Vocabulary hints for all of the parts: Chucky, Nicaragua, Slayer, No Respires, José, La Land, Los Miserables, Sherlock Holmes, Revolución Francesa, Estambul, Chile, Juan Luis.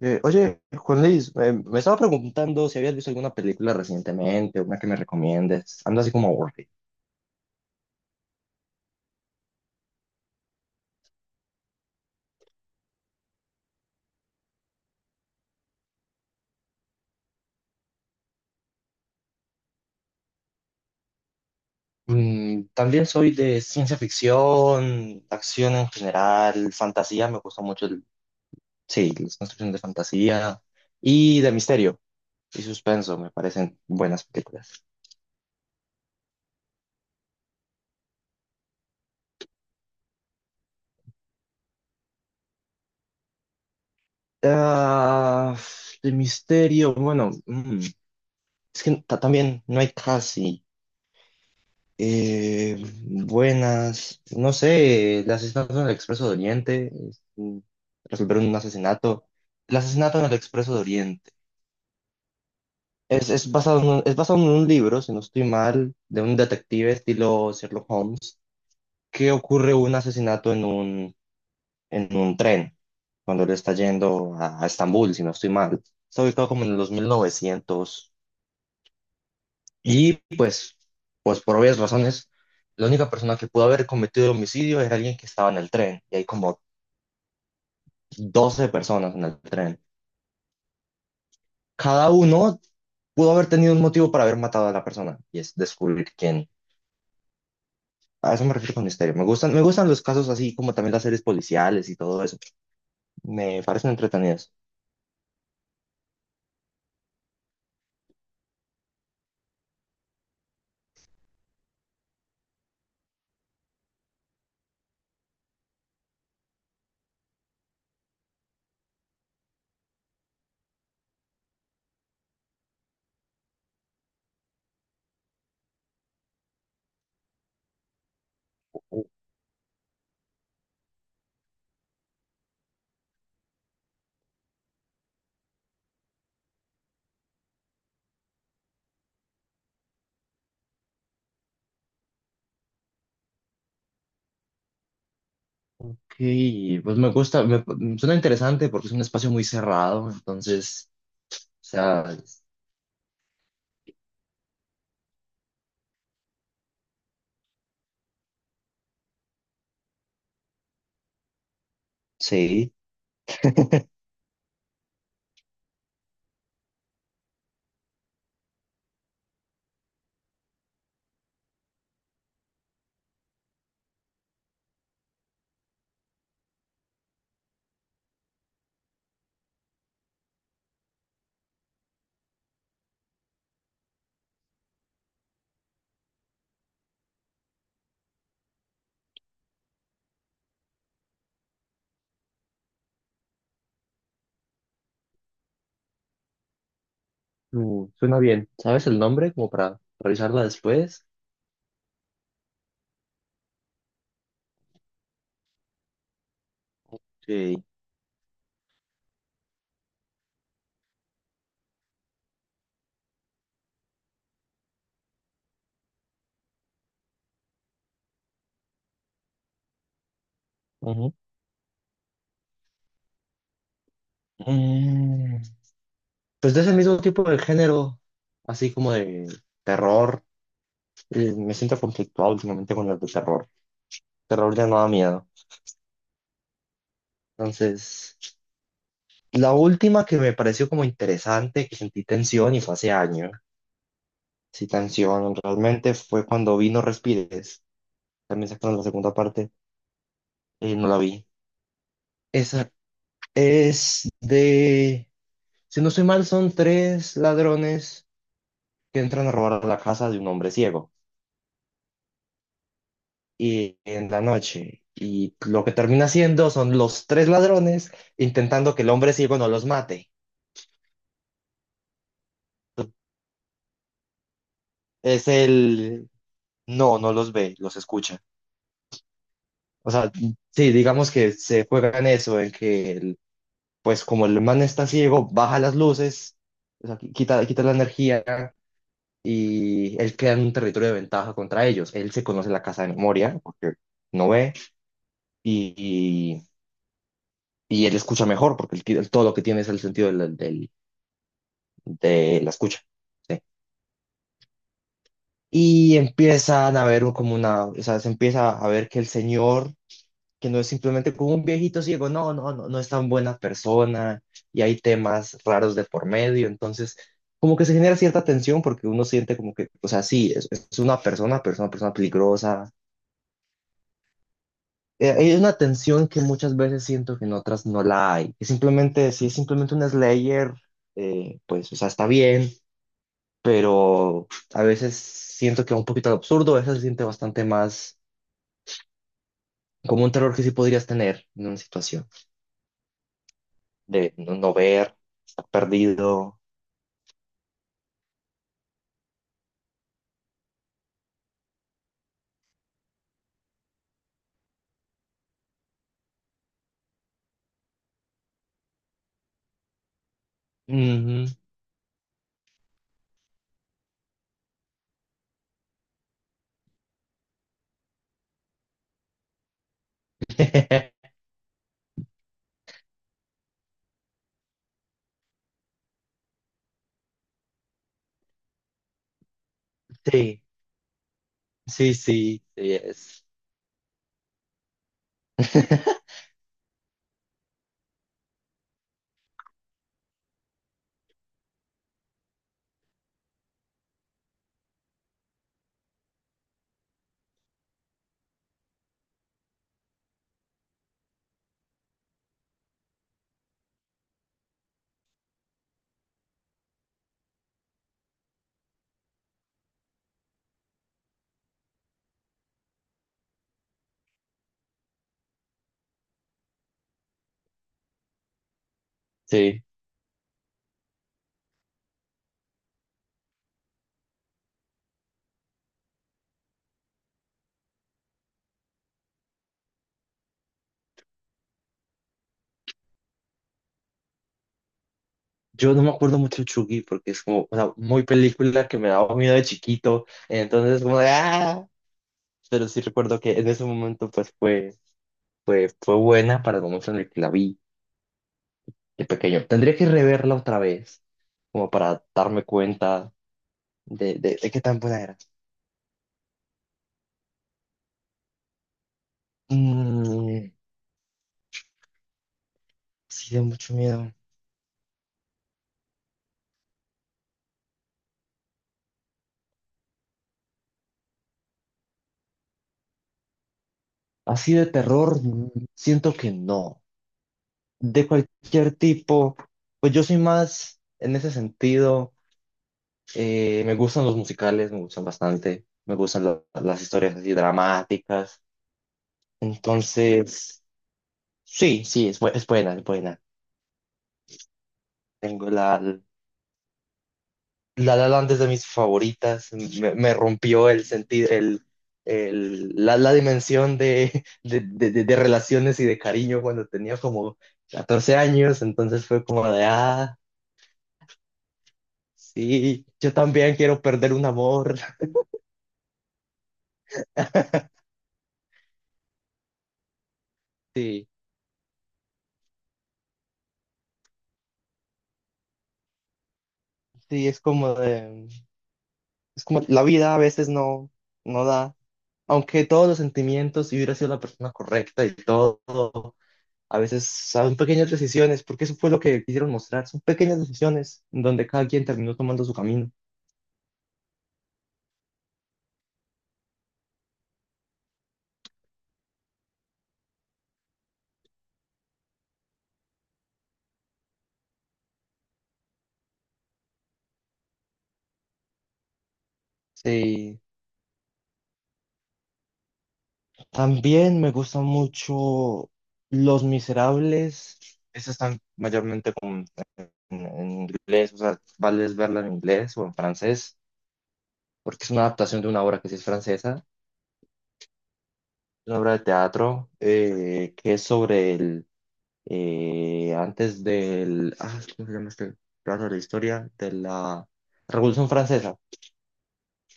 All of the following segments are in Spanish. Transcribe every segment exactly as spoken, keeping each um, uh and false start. Eh, oye, Juan Luis, eh, me estaba preguntando si habías visto alguna película recientemente, una que me recomiendes. Ando así como aburrido. Mm, también soy de ciencia ficción, acción en general, fantasía, me gusta mucho el, sí, las construcciones de fantasía y de misterio y suspenso, me parecen buenas películas. Ah, de misterio, bueno, mm, es que ta- también no hay casi. Eh, Buenas, no sé, el asesinato en el Expreso de Oriente, es, mm, resolver un asesinato. El asesinato en el Expreso de Oriente. Es, es basado en un, es basado en un libro, si no estoy mal, de un detective estilo Sherlock Holmes, que ocurre un asesinato en un, en un tren, cuando él está yendo a, a Estambul, si no estoy mal. Está ubicado como en los mil novecientos. Y pues, pues por obvias razones, la única persona que pudo haber cometido el homicidio era alguien que estaba en el tren. Y hay como doce personas en el tren. Cada uno pudo haber tenido un motivo para haber matado a la persona. Y es descubrir quién. A eso me refiero con misterio. Me gustan, me gustan los casos así como también las series policiales y todo eso. Me parecen entretenidas. Y pues me gusta, me, suena interesante porque es un espacio muy cerrado. Entonces, o sea, sí. Uh, suena bien. ¿Sabes el nombre? Como para revisarla después. Sí. Ujú. Mm, pues de ese mismo tipo de género, así como de terror. Eh, me siento conflictuado últimamente con las de terror. Terror ya no da miedo. Entonces, la última que me pareció como interesante, que sentí tensión y fue hace años. Sí, tensión realmente fue cuando vi No Respires. También sacaron la segunda parte y no la vi. Esa es de, si no soy mal, son tres ladrones que entran a robar la casa de un hombre ciego y en la noche. Y lo que termina siendo son los tres ladrones intentando que el hombre ciego no los mate. Es el No, no los ve, los escucha. O sea, sí, digamos que se juega en eso, en que el- pues como el man está ciego, baja las luces, o sea, qui- quita, quita la energía y él queda en un territorio de ventaja contra ellos. Él se conoce la casa de memoria porque no ve y, y él escucha mejor porque el, el- todo lo que tiene es el sentido del- del- de la escucha. ¿Sí? Y empiezan a ver como una, o sea, se empieza a ver que el señor, que no es simplemente como un viejito ciego, no, no, no, no es tan buena persona y hay temas raros de por medio, entonces, como que se genera cierta tensión porque uno siente como que, o sea, sí, es, es una persona, pero es una persona peligrosa, eh, hay una tensión que muchas veces siento que en otras no la hay. Que simplemente, si es simplemente un Slayer, eh, pues, o sea, está bien, pero a veces siento que va un poquito al absurdo, a veces se siente bastante más como un terror que sí podrías tener en una situación de no, no ver, estar perdido. Ujú. Sí, sí, sí, sí es. Sí. Yo no me acuerdo mucho de Chucky porque es como, o sea, muy película que me daba miedo de chiquito. Entonces, como de, ¡ah! Pero sí recuerdo que en ese momento pues fue, fue, fue buena para el momento en el que la vi de pequeño. Tendría que reverla otra vez, como para darme cuenta de, de, de qué tan buena era. Mm, sí, de mucho miedo. Así de terror, mm, siento que no. De cualquier tipo, pues yo soy más en ese sentido. Eh, me gustan los musicales, me gustan bastante. Me gustan la- las historias así dramáticas. Entonces, sí, sí, es, bu- es buena, es buena. Tengo la, la La Land es de mis favoritas. Me, me rompió el sentido, el, el- la, la dimensión de, de, de- de- de relaciones y de cariño cuando tenía como catorce años. Entonces fue como de, ah, sí, yo también quiero perder un amor. Sí, sí, es como de, es como la vida a veces no, no da. Aunque todos los sentimientos, si hubiera sido la persona correcta y todo. A veces son pequeñas decisiones, porque eso fue lo que quisieron mostrar. Son pequeñas decisiones en donde cada quien terminó tomando su camino. Sí. También me gustan mucho Los Miserables. Esas están mayormente con- en, en inglés, o sea, vale es verla en inglés o en francés, porque es una adaptación de una obra que sí es francesa. Una obra de teatro eh, que es sobre el. Eh, antes del. Ah, ¿cómo se llama este? Claro, la historia de la Revolución Francesa.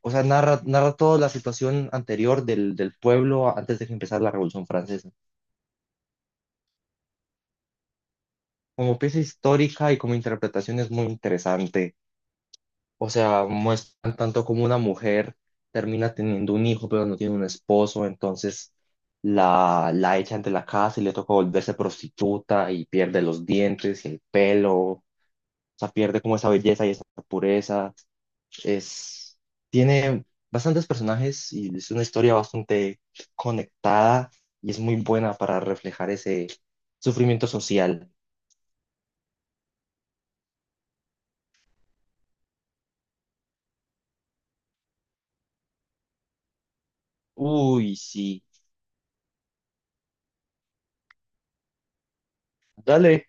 O sea, narra, narra toda la situación anterior del, del pueblo antes de que empezara la Revolución Francesa. Como pieza histórica y como interpretación es muy interesante. O sea, muestran tanto como una mujer termina teniendo un hijo, pero no tiene un esposo, entonces la, la echan de la casa y le toca volverse prostituta y pierde los dientes y el pelo. O sea, pierde como esa belleza y esa pureza. Es, Tiene bastantes personajes y es una historia bastante conectada y es muy buena para reflejar ese sufrimiento social. Uy, sí. Dale,